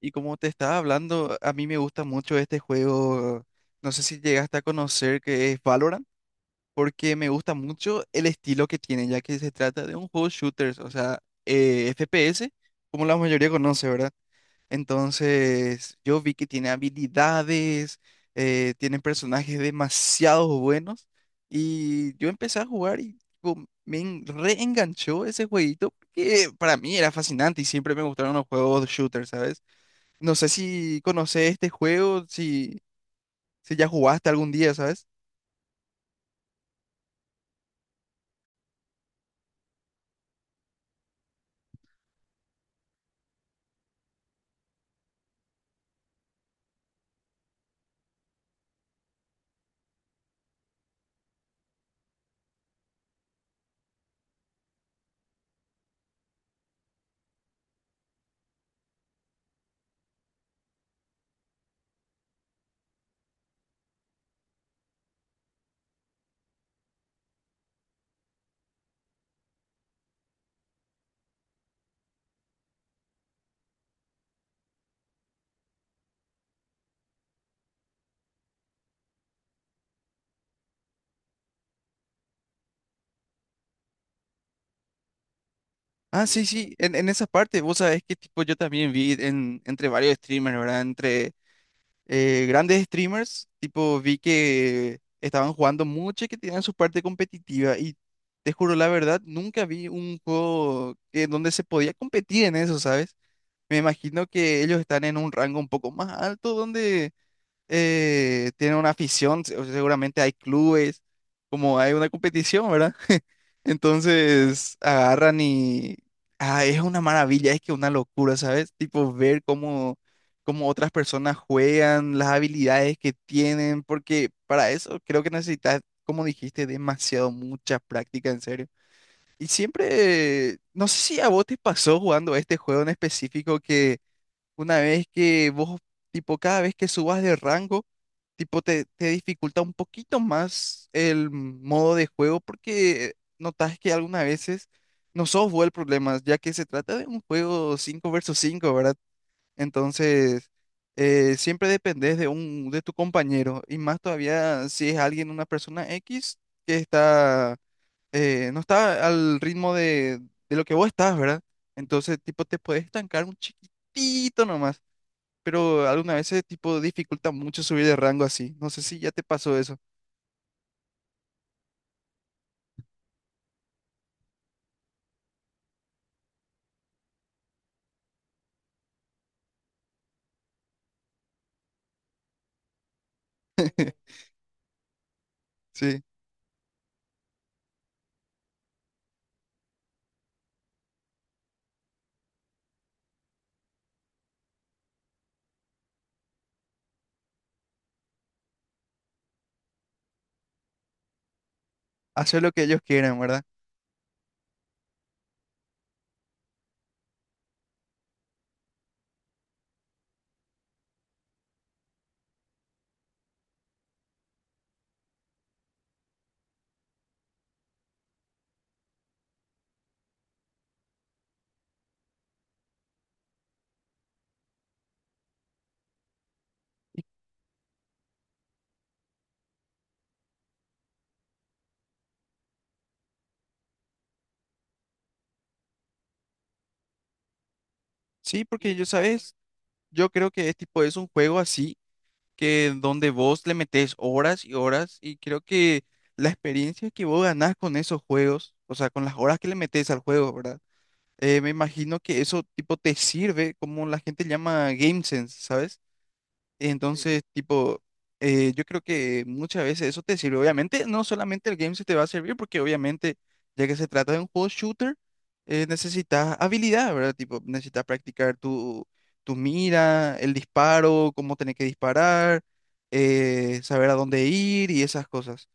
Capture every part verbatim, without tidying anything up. Y como te estaba hablando, a mí me gusta mucho este juego, no sé si llegaste a conocer que es Valorant, porque me gusta mucho el estilo que tiene, ya que se trata de un juego shooters, o sea, eh, F P S, como la mayoría conoce, ¿verdad? Entonces, yo vi que tiene habilidades, eh, tiene personajes demasiado buenos, y yo empecé a jugar y tipo, me en- reenganchó ese jueguito, que para mí era fascinante y siempre me gustaron los juegos shooters, ¿sabes? No sé si conoces este juego, si, si ya jugaste algún día, ¿sabes? Ah, sí, sí, en, en esa parte, vos sabés que tipo yo también vi en, entre varios streamers, ¿verdad? Entre eh, grandes streamers, tipo vi que estaban jugando mucho y que tenían su parte competitiva y te juro la verdad, nunca vi un juego que, donde se podía competir en eso, ¿sabes? Me imagino que ellos están en un rango un poco más alto donde eh, tiene una afición, se- seguramente hay clubes, como hay una competición, ¿verdad? Entonces agarran y ah, es una maravilla, es que una locura, ¿sabes? Tipo ver cómo, cómo otras personas juegan, las habilidades que tienen, porque para eso creo que necesitas, como dijiste, demasiado, mucha práctica, en serio. Y siempre, no sé si a vos te pasó jugando este juego en específico que una vez que vos, tipo, cada vez que subas de rango, tipo, te, te dificulta un poquito más el modo de juego porque notas que algunas veces no sos vos el problema, ya que se trata de un juego cinco versus cinco, ¿verdad? Entonces, eh, siempre dependés de un, de tu compañero y más todavía si es alguien, una persona X que está, eh, no está al ritmo de, de lo que vos estás, ¿verdad? Entonces, tipo, te puedes estancar un chiquitito nomás pero alguna vez ese tipo dificulta mucho subir de rango así. No sé si ya te pasó eso. Sí, hacer lo que ellos quieran, ¿verdad? Sí, porque yo, ¿sabes? Yo creo que es tipo, es un juego así, que donde vos le metés horas y horas, y creo que la experiencia que vos ganás con esos juegos, o sea, con las horas que le metés al juego, ¿verdad? Eh, me imagino que eso tipo te sirve, como la gente llama game sense, ¿sabes? Entonces, tipo, eh, yo creo que muchas veces eso te sirve. Obviamente, no solamente el game se te va a servir, porque obviamente, ya que se trata de un juego shooter, eh, necesitas habilidad, ¿verdad? Tipo, necesitas practicar tu, tu mira, el disparo, cómo tener que disparar, eh, saber a dónde ir y esas cosas.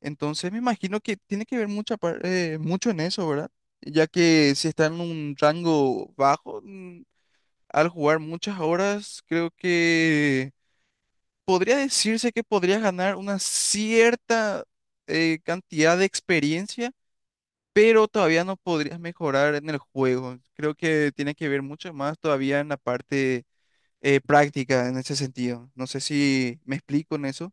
Entonces, me imagino que tiene que ver mucha, par- eh, mucho en eso, ¿verdad? Ya que si está en un rango bajo, mm, al jugar muchas horas, creo que podría decirse que podrías ganar una cierta eh, cantidad de experiencia, pero todavía no podrías mejorar en el juego. Creo que tiene que ver mucho más todavía en la parte eh, práctica en ese sentido. No sé si me explico en eso.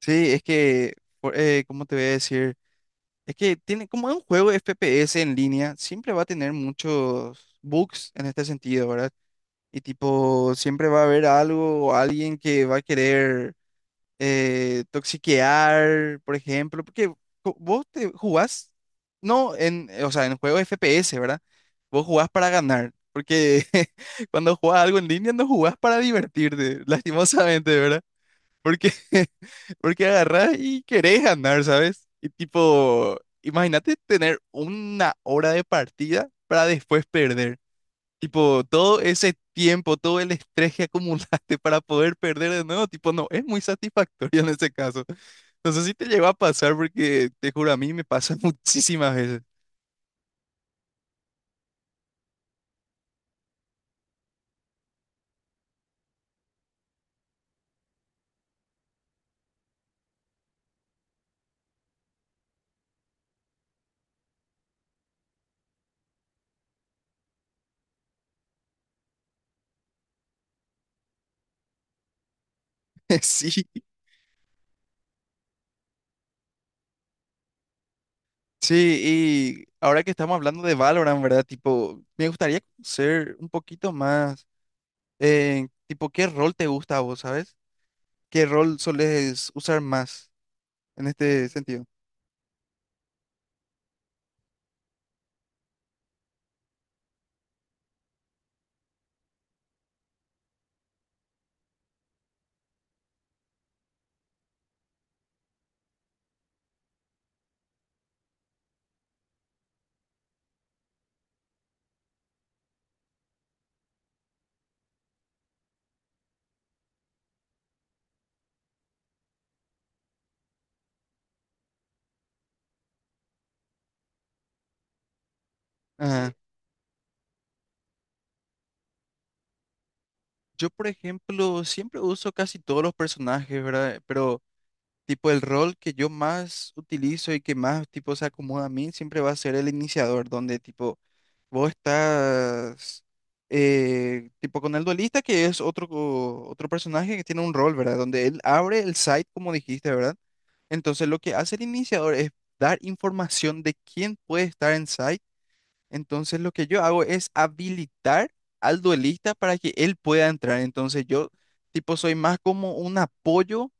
Sí, es que, por- eh, ¿cómo te voy a decir? Es que tiene, como es un juego F P S en línea, siempre va a tener muchos bugs en este sentido, ¿verdad? Y tipo, siempre va a haber algo o alguien que va a querer eh, toxiquear, por ejemplo, porque co- vos te jugás, no en, eh, o sea, en juegos F P S, ¿verdad? Vos jugás para ganar, porque cuando jugás algo en línea no jugás para divertirte, lastimosamente, ¿verdad? Porque, porque agarrás y querés ganar, ¿sabes? Y tipo, imagínate tener una hora de partida para después perder. Tipo, todo ese tiempo, todo el estrés que acumulaste para poder perder de nuevo, tipo, no, es muy satisfactorio en ese caso. No sé si te llegó a pasar porque te juro, a mí me pasa muchísimas veces. Sí, sí, y ahora que estamos hablando de Valorant, ¿verdad? Tipo, me gustaría conocer un poquito más, eh, tipo, ¿qué rol te gusta a vos, sabes? ¿Qué rol soles usar más en este sentido? Ajá. Yo, por ejemplo, siempre uso casi todos los personajes, ¿verdad? Pero tipo, el rol que yo más utilizo y que más, tipo, se acomoda a mí siempre va a ser el iniciador, donde, tipo, vos estás, eh, tipo, con el duelista, que es otro, co- otro personaje que tiene un rol, ¿verdad? Donde él abre el site, como dijiste, ¿verdad? Entonces, lo que hace el iniciador es dar información de quién puede estar en site. Entonces, lo que yo hago es habilitar al duelista para que él pueda entrar. Entonces, yo, tipo, soy más como un apoyo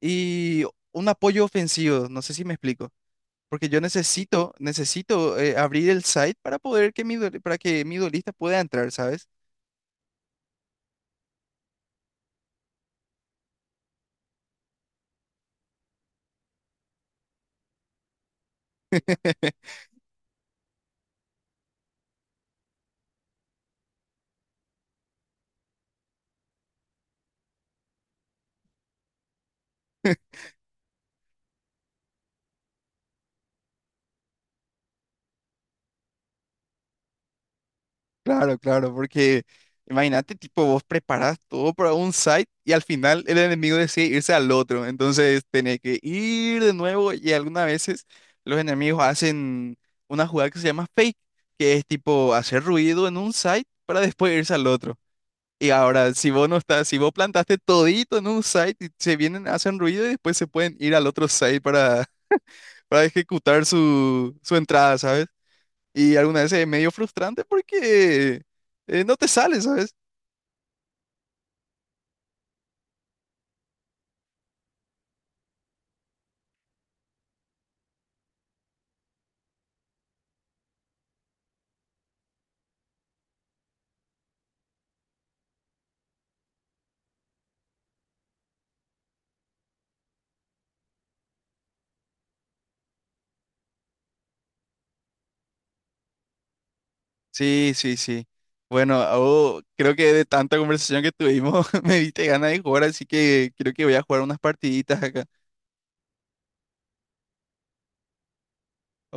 y un apoyo ofensivo, no sé si me explico, porque yo necesito, necesito eh, abrir el site para poder que mi, duel- para que mi duelista pueda entrar, ¿sabes? Claro, claro, porque imagínate, tipo, vos preparás todo para un site y al final el enemigo decide irse al otro, entonces tenés que ir de nuevo y algunas veces los enemigos hacen una jugada que se llama fake, que es tipo hacer ruido en un site para después irse al otro. Y ahora, si vos no estás, si vos plantaste todito en un site y se vienen, hacen ruido y después se pueden ir al otro site para, para ejecutar su, su entrada, ¿sabes? Y alguna vez es medio frustrante porque eh, no te sale, ¿sabes? Sí, sí, sí. Bueno, oh, creo que de tanta conversación que tuvimos me diste ganas de jugar, así que creo que voy a jugar unas partiditas acá. ¿Ok?